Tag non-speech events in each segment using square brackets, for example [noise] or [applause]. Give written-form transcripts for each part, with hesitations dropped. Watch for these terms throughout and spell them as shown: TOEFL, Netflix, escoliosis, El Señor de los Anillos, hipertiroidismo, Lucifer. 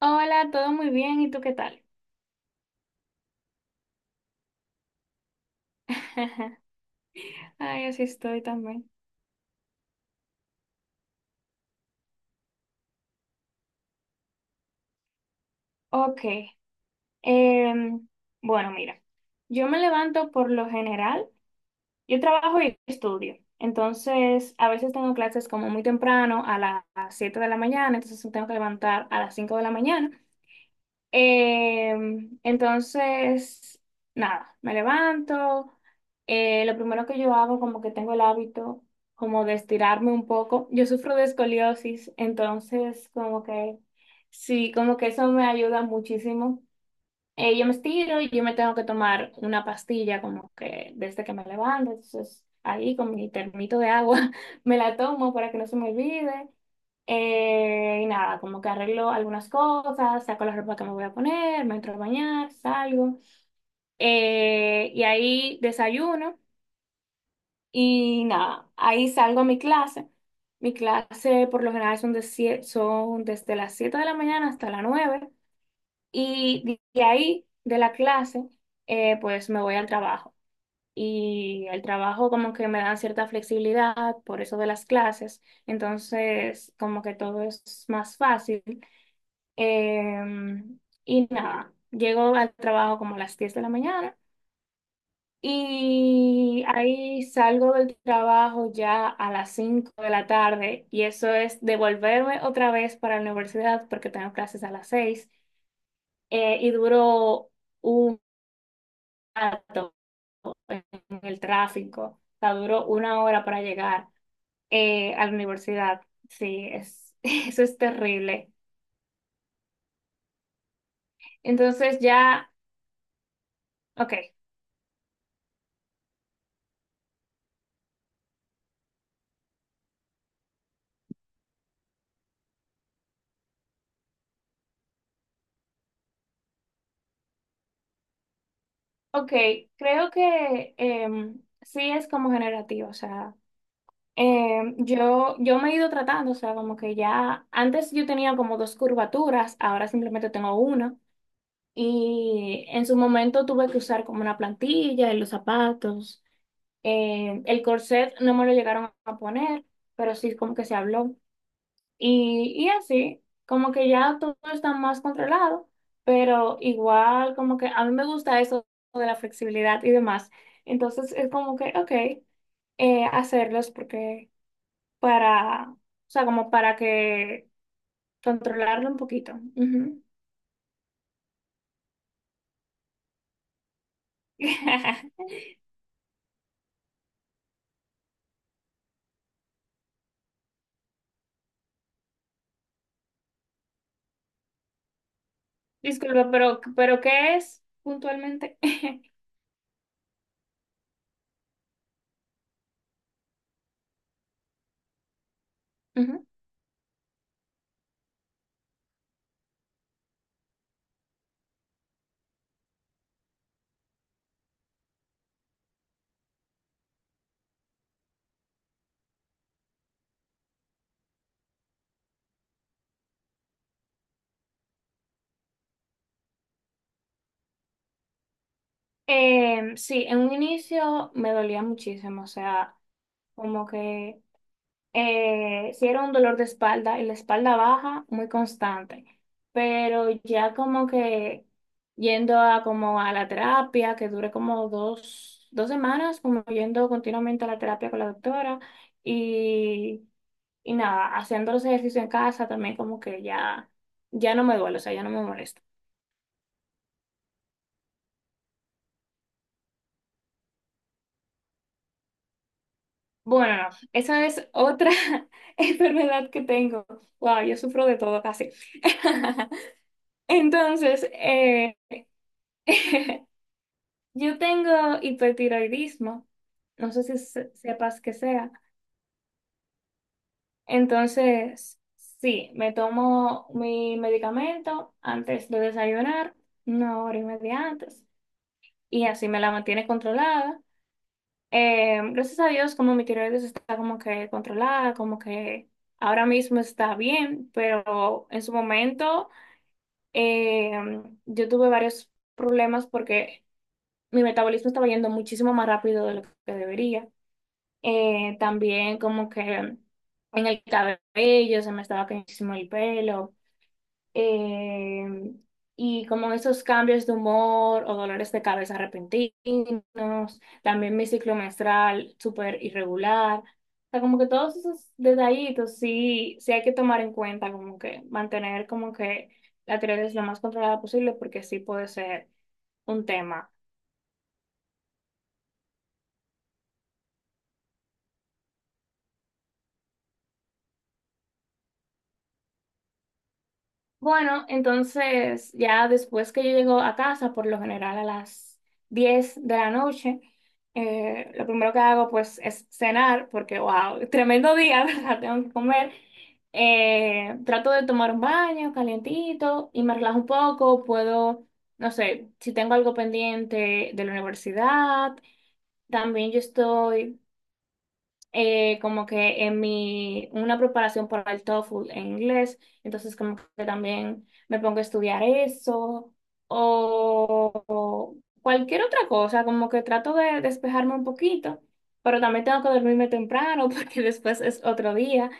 Hola, todo muy bien, ¿y tú qué tal? [laughs] Ay, así estoy también. Ok, em, bueno, mira, yo me levanto por lo general, yo trabajo y estudio, entonces a veces tengo clases como muy temprano, a las 7 de la mañana. Entonces me tengo que levantar a las 5 de la mañana. Eh, entonces, nada, me levanto. Lo primero que yo hago, como que tengo el hábito, como de estirarme un poco. Yo sufro de escoliosis, entonces, como que sí, como que eso me ayuda muchísimo. Yo me estiro y yo me tengo que tomar una pastilla, como que desde que me levanto. Entonces, ahí con mi termito de agua [laughs] me la tomo para que no se me olvide. Y nada, como que arreglo algunas cosas, saco la ropa que me voy a poner, me entro a bañar, salgo. Y ahí desayuno y nada, ahí salgo a mi clase. Mi clase por lo general son, son desde las 7 de la mañana hasta las 9. Y de ahí, de la clase, pues me voy al trabajo. Y el trabajo como que me dan cierta flexibilidad por eso de las clases. Entonces, como que todo es más fácil. Em, y nada, llego al trabajo como a las 10 de la mañana y ahí salgo del trabajo ya a las 5 de la tarde y eso es devolverme otra vez para la universidad porque tengo clases a las 6. Eh, y duró un rato en el tráfico, o sea, duró una hora para llegar a la universidad. Sí, es, [laughs] eso es terrible. Entonces ya... Ok. Ok, creo que sí es como generativo, o sea, yo me he ido tratando, o sea, como que ya antes yo tenía como dos curvaturas, ahora simplemente tengo una, y en su momento tuve que usar como una plantilla en los zapatos. El corset no me lo llegaron a poner, pero sí como que se habló. Y así, como que ya todo está más controlado, pero igual como que a mí me gusta eso de la flexibilidad y demás. Entonces es como que, ok, hacerlos porque para, o sea, como para que controlarlo un poquito. Ujú. [laughs] Disculpa, pero ¿qué es puntualmente? [laughs] Ujú. Sí, en un inicio me dolía muchísimo, o sea, como que... sí era un dolor de espalda y la espalda baja muy constante, pero ya como que yendo a como a la terapia, que dure como dos semanas, como yendo continuamente a la terapia con la doctora y, y nada, haciendo los ejercicios en casa también como que ya no me duele, o sea, ya no me molesta. Bueno, esa es otra [laughs] enfermedad que tengo. Wow, yo sufro de todo casi. [laughs] Entonces, [laughs] yo tengo hipertiroidismo, no sé si sepas qué sea. Entonces, sí, me tomo mi medicamento antes de desayunar, una hora y media antes, y así me la mantiene controlada. Gracias a Dios, como mi tiroides está como que controlada, como que ahora mismo está bien, pero en su momento yo tuve varios problemas porque mi metabolismo estaba yendo muchísimo más rápido de lo que debería. También como que en el cabello se me estaba cayendo muchísimo el pelo. Eh, y como esos cambios de humor o dolores de cabeza repentinos. También mi ciclo menstrual súper irregular. O sea, como que todos esos detallitos sí, sí hay que tomar en cuenta, como que mantener como que la tiroides lo más controlada posible porque sí puede ser un tema. Bueno, entonces ya después que yo llego a casa, por lo general a las 10 de la noche, lo primero que hago pues es cenar, porque wow, tremendo día, [laughs] ¿verdad? Tengo que comer. Trato de tomar un baño calientito y me relajo un poco, puedo, no sé, si tengo algo pendiente de la universidad, también yo estoy como que en una preparación para el TOEFL en inglés, entonces como que también me pongo a estudiar eso o cualquier otra cosa, como que trato de despejarme un poquito, pero también tengo que dormirme temprano [laughs] porque después es otro día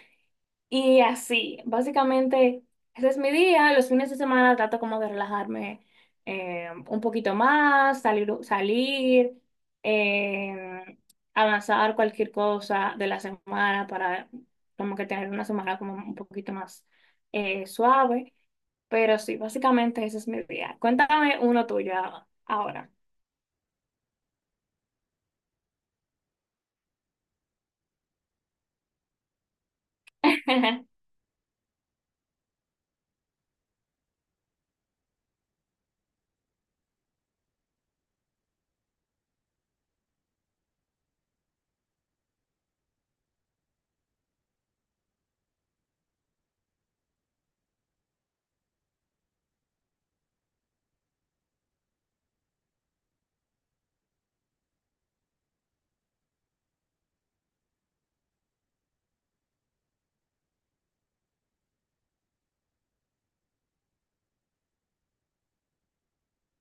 y así, básicamente, ese es mi día. Los fines de semana trato como de relajarme un poquito más, salir, salir eh, avanzar cualquier cosa de la semana para como que tener una semana como un poquito más suave. Pero sí, básicamente ese es mi día. Cuéntame uno tuyo ahora. [laughs]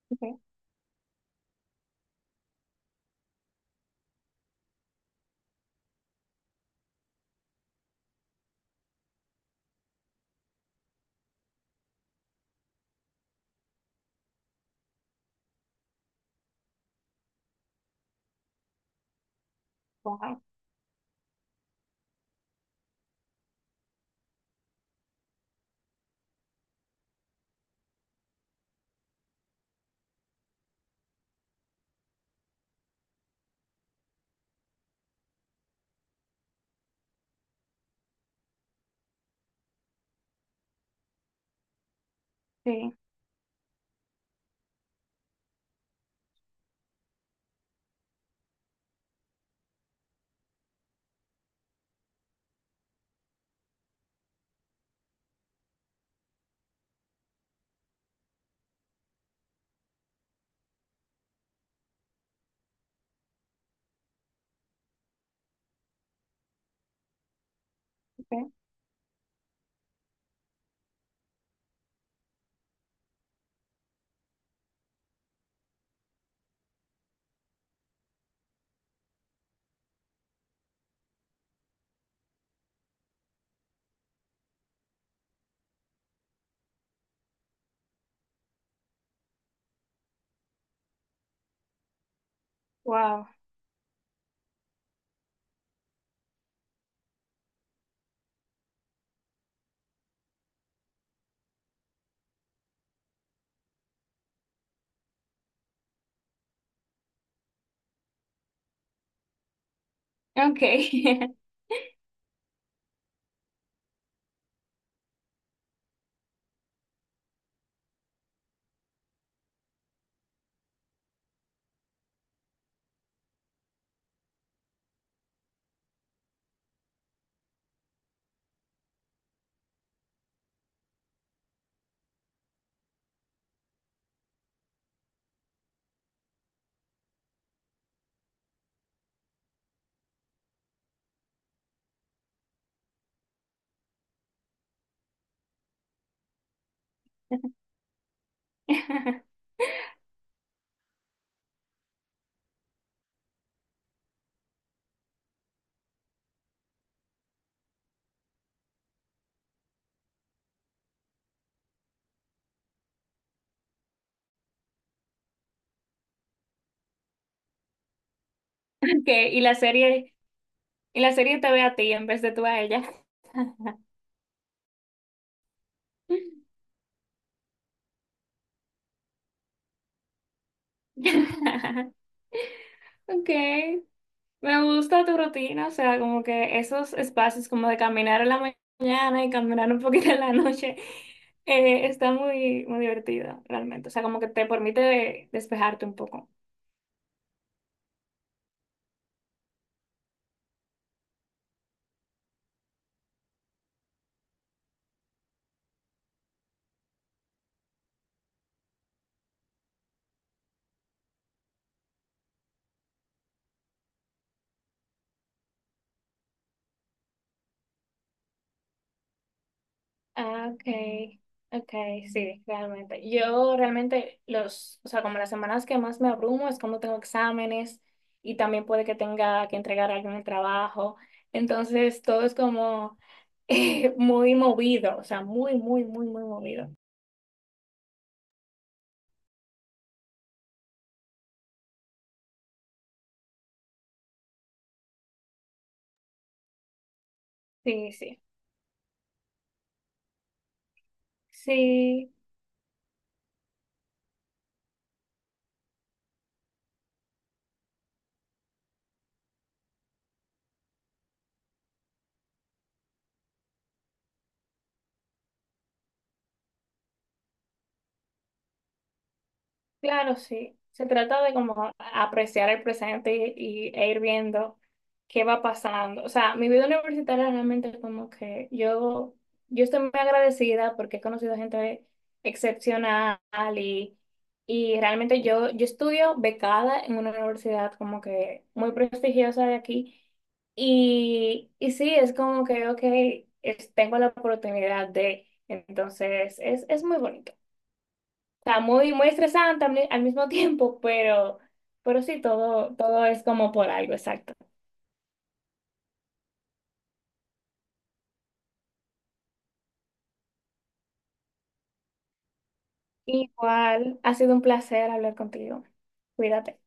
Ok. Wow, sí, ok, wow. Okay. [laughs] Okay, y la serie... Y la serie te ve a ti en vez de tú a ella. [laughs] Ok, me gusta tu rutina, o sea, como que esos espacios como de caminar en la mañana y caminar un poquito en la noche, está muy, muy divertido realmente, o sea, como que te permite despejarte un poco. Ah, okay, ok, sí, realmente. Yo realmente los, o sea, como las semanas que más me abrumo es cuando tengo exámenes y también puede que tenga que entregar algún trabajo. Entonces todo es como [laughs] muy movido, o sea, muy, muy, muy, muy movido. Sí, sí. Sí. Claro, sí. Se trata de como apreciar el presente e ir viendo qué va pasando. O sea, mi vida universitaria realmente como que yo estoy muy agradecida porque he conocido gente excepcional y, y realmente yo estudio becada en una universidad como que muy prestigiosa de aquí. Y sí, es como que, ok, tengo la oportunidad de, entonces, es muy bonito. Está muy, muy estresante al al mismo tiempo, pero, sí, todo, todo es como por algo, exacto. Igual, ha sido un placer hablar contigo. Cuídate.